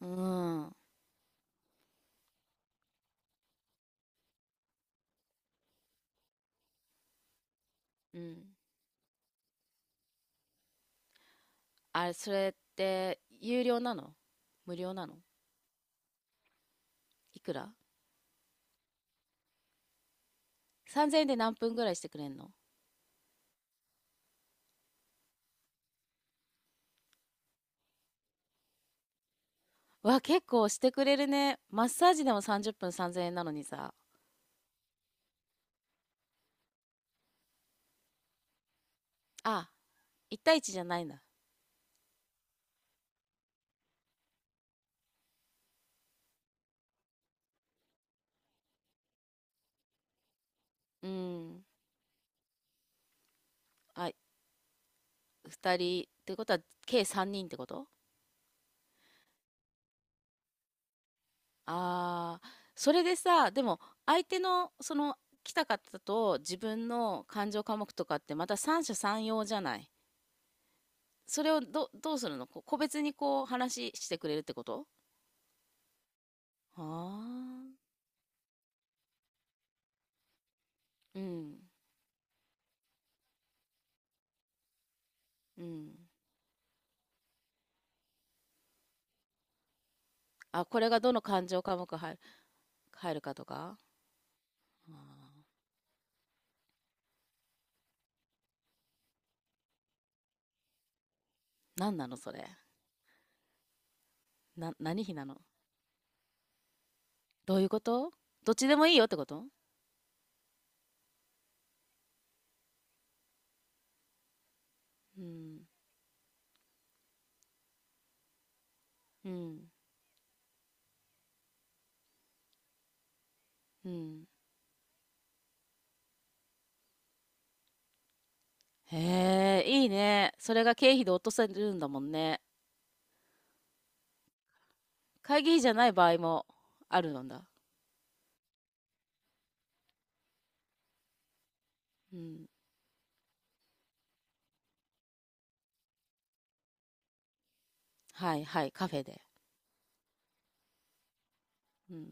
うん。うん。あれ、それって、有料なの？無料なの？いくら？ 3,000 円で何分ぐらいしてくれんの？わ、結構してくれるね。マッサージでも30分3,000円なのにさ。あ、1対1じゃないんだ。うん。あ、2人。ってことは、計3人ってこと？ああー、それでさ、でも、相手の、その、来た方と自分の感情科目とかってまた三者三様じゃない。それをどうするの個別にこう話してくれるってこと？ああ、うん、うん。あ、これがどの感情科目入るかとか。あー、何なのそれ。何日なの？どういうこと？どっちでもいいよってこと？うん、うん、うん。へえ、いいね。それが経費で落とせるんだもんね。会議費じゃない場合もあるのだ。うん。はいはい、カフェで。うん。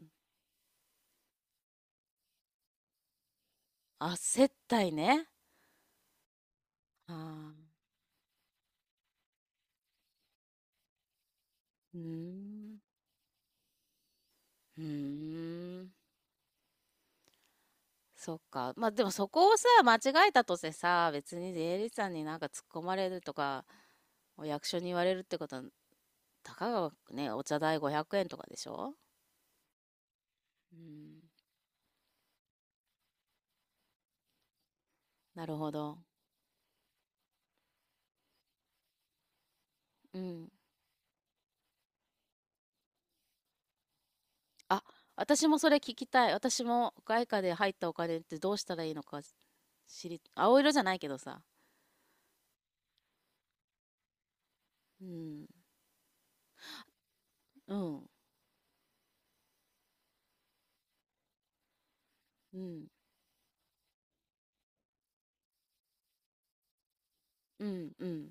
あ、接待ね。ああ、うーん。うーん。そっか。まあでもそこをさ、間違えたとてさ、別に税理士さんになんか突っ込まれるとか、お役所に言われるってことは、たかがね、お茶代500円とかでしょ？うん。なるほど。うん。あ、私もそれ聞きたい。私も外貨で入ったお金ってどうしたらいいのか。青色じゃないけどさ。うん。うん。うん。うん。うん。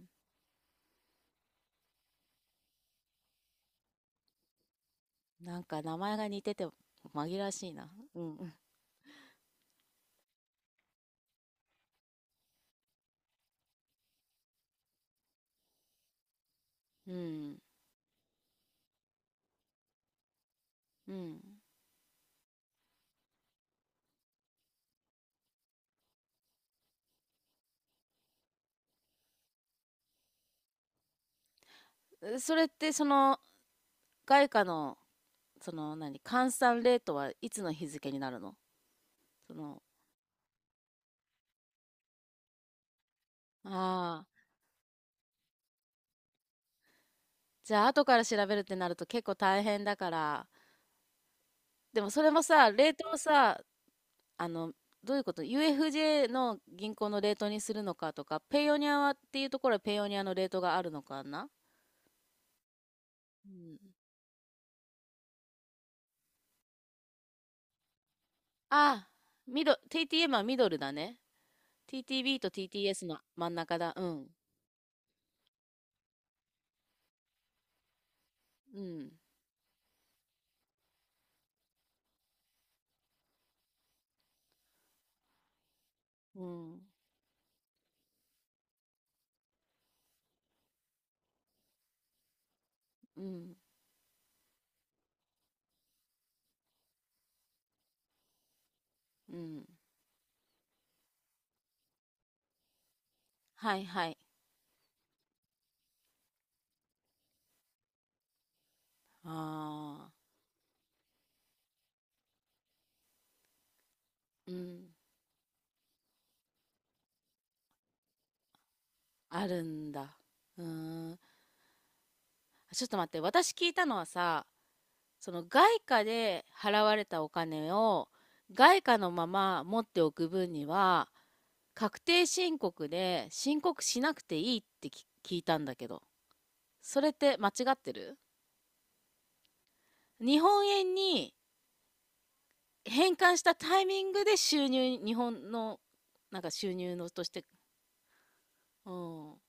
なんか名前が似てて紛らわしいな。うん。うん。うん。うん。それってその外貨の、その何、換算レートはいつの日付になるの？そのああーじゃあ後から調べるってなると結構大変だから。でもそれもさ、レートをさ、あの、どういうこと？ UFJ の銀行のレートにするのかとか、ペイオニアはっていうところはペイオニアのレートがあるのかな。うん、ああ、ミド TTM はミドルだね。 TTB と TTS の真ん中だ。うん、うん、うん、うん、うん、はいはい、ああ、うん、あるんだ。うーん。ちょっと待って、私聞いたのはさ、その外貨で払われたお金を外貨のまま持っておく分には、確定申告で申告しなくていいって聞いたんだけど、それって間違ってる？日本円に変換したタイミングで収入、日本のなんか収入のとして、うん。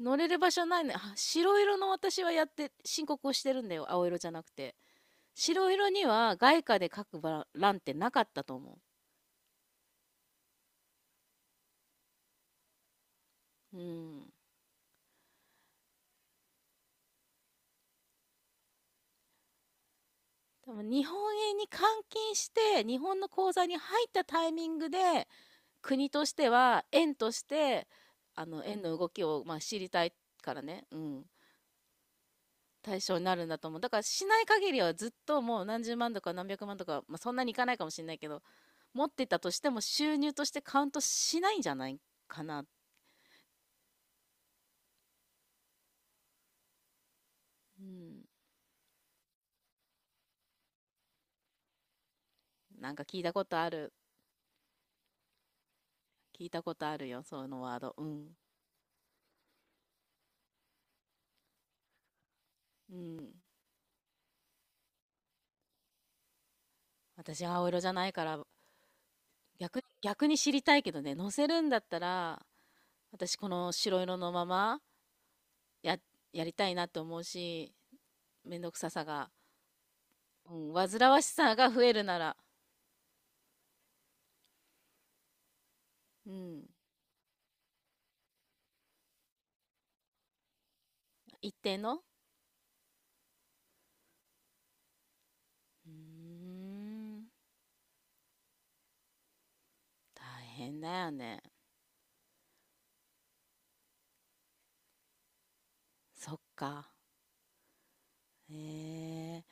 乗れる場所ないね。あ、白色の、私はやって申告をしてるんだよ。青色じゃなくて。白色には外貨で描くば欄ってなかったと思う。うん。多分日本円に換金して日本の口座に入ったタイミングで、国としては円として、あの円の動きをまあ知りたいからね、うん、対象になるんだと思う。だからしない限りはずっともう何十万とか何百万とか、まあ、そんなにいかないかもしれないけど、持ってたとしても収入としてカウントしないんじゃないかな。うん、なんか聞いたことある。聞いたことあるよ、そういうのワード。うん、うん。私、青色じゃないから、逆に知りたいけどね。乗せるんだったら、私、この白色のままや、やりたいなと思うし、めんどくささが、うん、煩わしさが増えるなら、うん、一定の。うーん、大変だよね。そっか。へえ。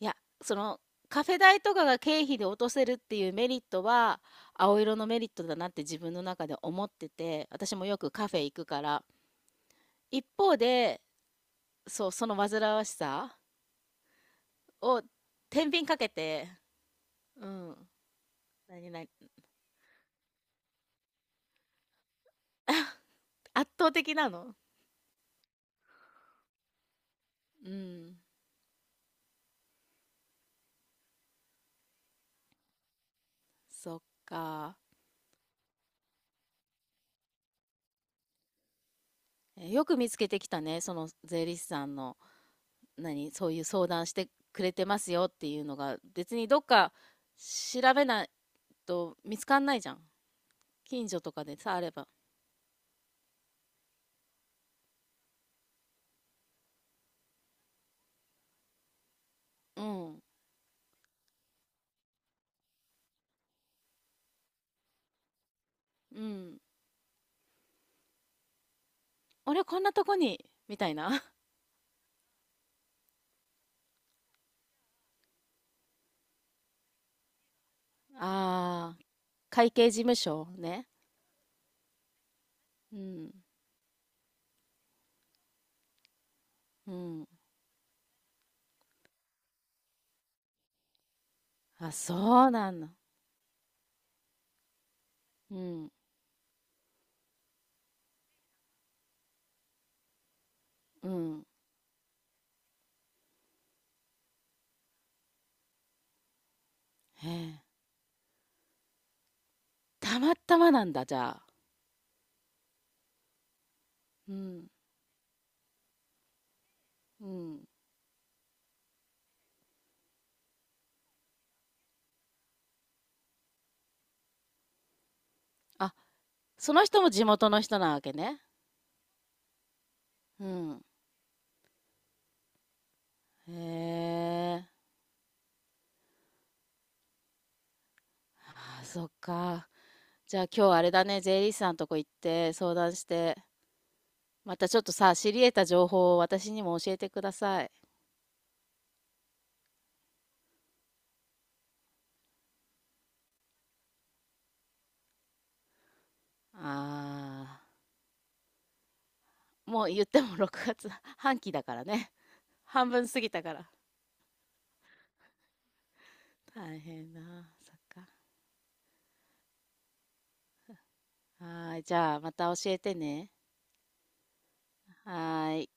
いや、その、カフェ代とかが経費で落とせるっていうメリットは青色のメリットだなって自分の中で思ってて、私もよくカフェ行くから。一方で、そう、その煩わしさを天秤かけて、うん、何々、圧倒的なの。うん、そっか。え、よく見つけてきたね、その税理士さんの。何、そういう相談してくれてますよっていうのが、別にどっか調べないと見つかんないじゃん。近所とかでさ、あれば。うん、うん。俺こんなとこに、みたいな。ああ、会計事務所ね。うん、うん。あ、そうなんだ。うん、うん。へえ。たまたまなんだ、じゃあ。うん、うん。あ、その人も地元の人なわけね。うん。へえ。あ、そっか。じゃあ今日あれだね、税理士さんとこ行って相談して、またちょっとさ、知り得た情報を私にも教えてください。ああ、もう言っても6月半期だからね。半分過ぎたから。大変だ。そっか。はーい、じゃあまた教えてね。はーい。